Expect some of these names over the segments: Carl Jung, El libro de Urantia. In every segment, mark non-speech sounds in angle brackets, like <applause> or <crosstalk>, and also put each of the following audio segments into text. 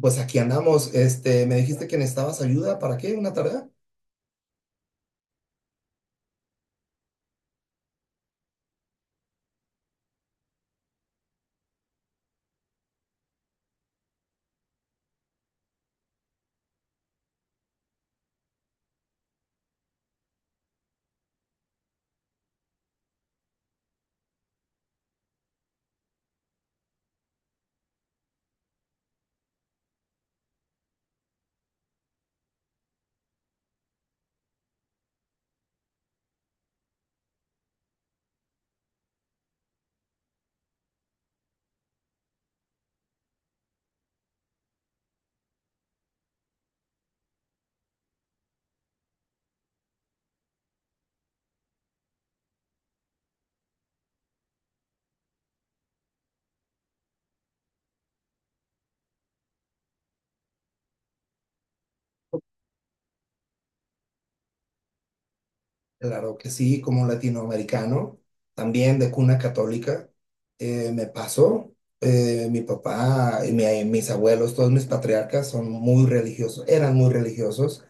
Pues aquí andamos. Me dijiste que necesitabas ayuda. ¿Para qué? ¿Una tarea? Claro que sí, como latinoamericano, también de cuna católica. Me pasó. Mi papá y mis abuelos, todos mis patriarcas son muy religiosos, eran muy religiosos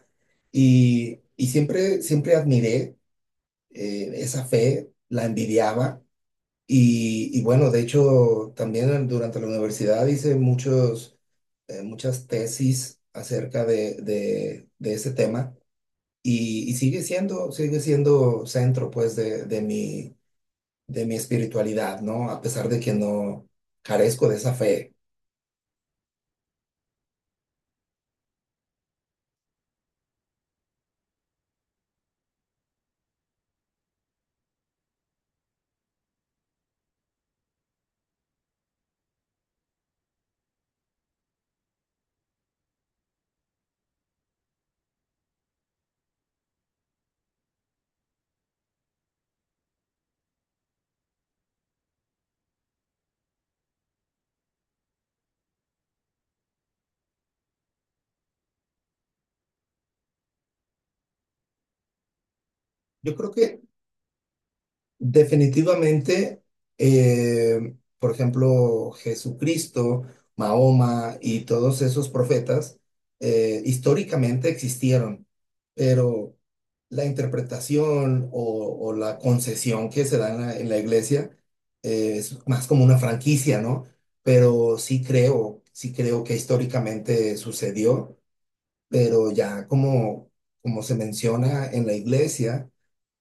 y siempre, siempre admiré esa fe, la envidiaba. Y bueno, de hecho, también durante la universidad hice muchas tesis acerca de ese tema y, sigue siendo centro pues de mi espiritualidad, ¿no? A pesar de que no carezco de esa fe. Yo creo que definitivamente, por ejemplo, Jesucristo, Mahoma y todos esos profetas históricamente existieron, pero la interpretación o la concesión que se da en en la iglesia es más como una franquicia, ¿no? Pero sí creo que históricamente sucedió, pero ya como, como se menciona en la iglesia,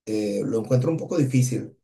lo encuentro un poco difícil.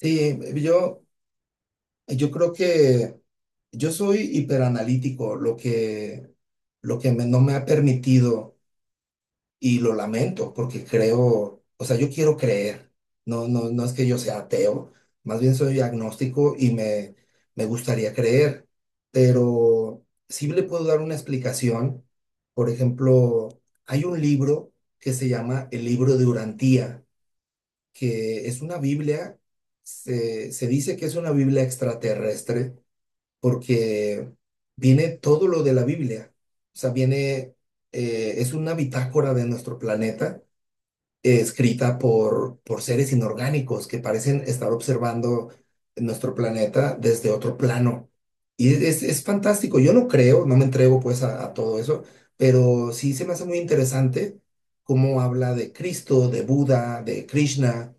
Sí, yo creo que yo soy hiperanalítico, lo que no me ha permitido, y lo lamento, porque creo, o sea, yo quiero creer, no, no, no es que yo sea ateo, más bien soy agnóstico me gustaría creer, pero sí le puedo dar una explicación. Por ejemplo, hay un libro que se llama El Libro de Urantía, que es una Biblia. Se dice que es una Biblia extraterrestre porque viene todo lo de la Biblia, o sea, viene. Es una bitácora de nuestro planeta, escrita por seres inorgánicos que parecen estar observando nuestro planeta desde otro plano. Y es fantástico. Yo no creo, no me entrego pues a todo eso, pero sí se me hace muy interesante cómo habla de Cristo, de Buda, de Krishna,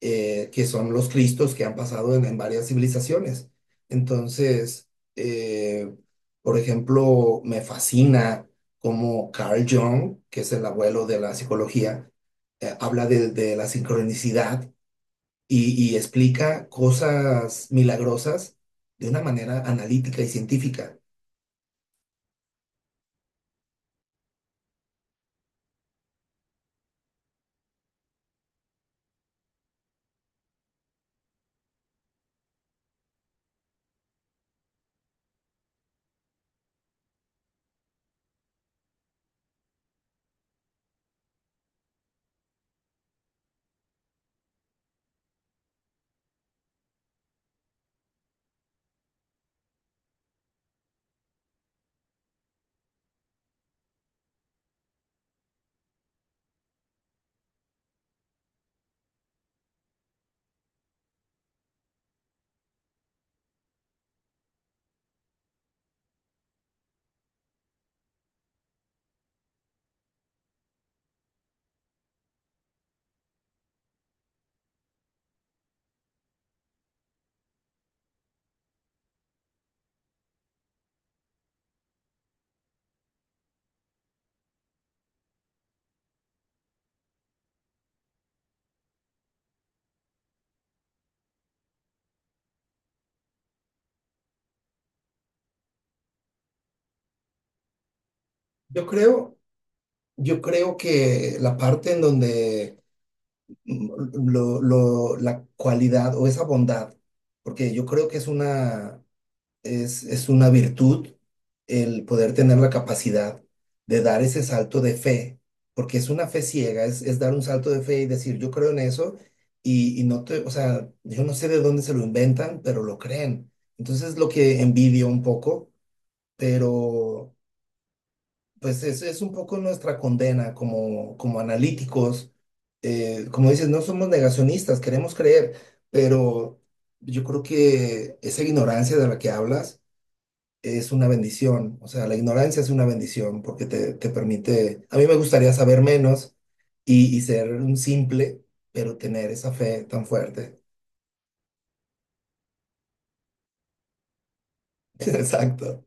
que son los Cristos que han pasado en varias civilizaciones. Entonces, eh, por ejemplo, me fascina cómo Carl Jung, que es el abuelo de la psicología, habla de la sincronicidad y explica cosas milagrosas de una manera analítica y científica. Yo creo, yo creo que la parte en donde mm, la cualidad o esa bondad, porque yo creo que es una virtud el poder tener la capacidad de dar ese salto de fe, porque es una fe ciega, es dar un salto de fe y decir, yo creo en eso, y no te, o sea, yo no sé de dónde se lo inventan, pero lo creen. Entonces, lo que envidio un poco, pero pues es un poco nuestra condena como, como analíticos. Como dices, no somos negacionistas, queremos creer, pero yo creo que esa ignorancia de la que hablas es una bendición, o sea, la ignorancia es una bendición porque te permite, a mí me gustaría saber menos y ser un simple, pero tener esa fe tan fuerte. <laughs> Exacto.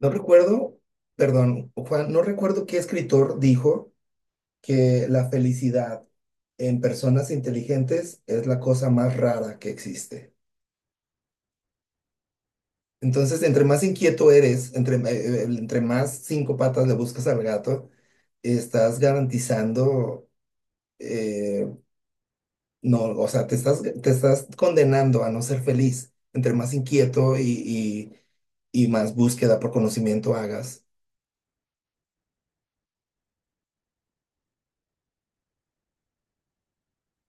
No recuerdo, perdón, Juan, no recuerdo qué escritor dijo que la felicidad en personas inteligentes es la cosa más rara que existe. Entonces, entre más inquieto eres, entre más cinco patas le buscas al gato, estás garantizando eh, no, o sea, te estás condenando a no ser feliz. Entre más inquieto y más búsqueda por conocimiento hagas.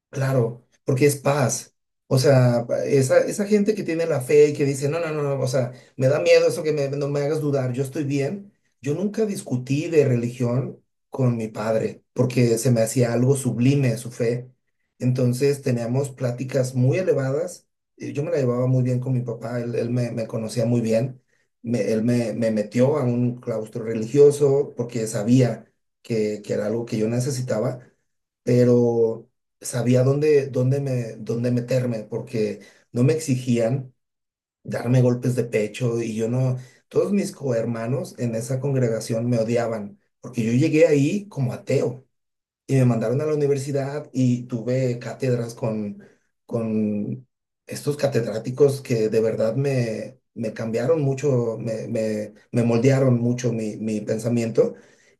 Claro, porque es paz. O sea, esa gente que tiene la fe y que dice, no, no, no, no, o sea, me da miedo eso que no me hagas dudar, yo estoy bien. Yo nunca discutí de religión con mi padre porque se me hacía algo sublime su fe. Entonces teníamos pláticas muy elevadas. Y yo me la llevaba muy bien con mi papá, él me, me conocía muy bien. Él me, me metió a un claustro religioso porque sabía que era algo que yo necesitaba, pero sabía dónde, dónde me, dónde meterme, porque no me exigían darme golpes de pecho y yo no, todos mis cohermanos en esa congregación me odiaban, porque yo llegué ahí como ateo. Y me mandaron a la universidad y tuve cátedras con estos catedráticos que de verdad me, me cambiaron mucho, me moldearon mucho mi, mi pensamiento.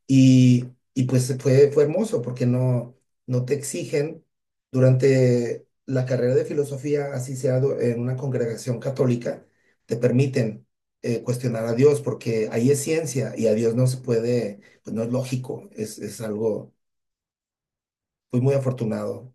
Y, y pues fue, fue hermoso porque no, no te exigen durante la carrera de filosofía, así sea en una congregación católica, te permiten cuestionar a Dios porque ahí es ciencia y a Dios no se puede, pues no es lógico, es algo. Fui muy afortunado.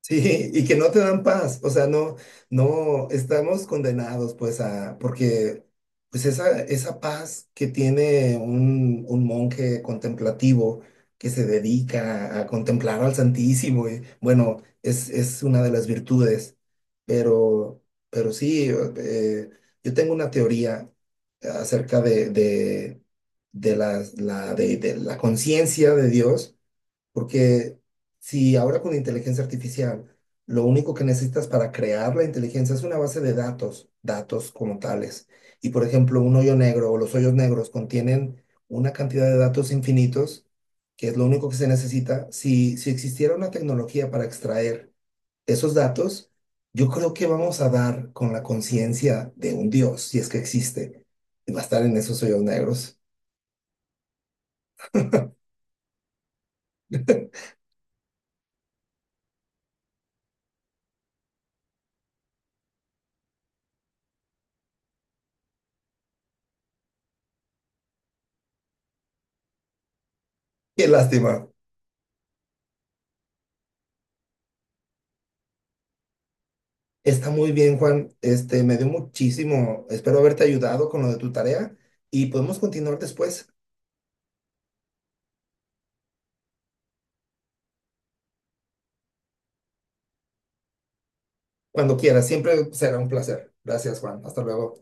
Sí, y que no te dan paz. O sea, no, no, estamos condenados, pues, a, porque, pues, esa paz que tiene un monje contemplativo que se dedica a contemplar al Santísimo, y, bueno, es una de las virtudes. Pero, pero sí, eh, yo tengo una teoría acerca de de la conciencia de Dios. Porque si ahora con inteligencia artificial, lo único que necesitas para crear la inteligencia es una base de datos, datos como tales. Y por ejemplo, un hoyo negro o los hoyos negros contienen una cantidad de datos infinitos, que es lo único que se necesita. Si, si existiera una tecnología para extraer esos datos, yo creo que vamos a dar con la conciencia de un Dios, si es que existe, y va a estar en esos hoyos negros. <laughs> Qué lástima. Está muy bien, Juan. Me dio muchísimo. Espero haberte ayudado con lo de tu tarea y podemos continuar después, cuando quieras. Siempre será un placer. Gracias, Juan. Hasta luego.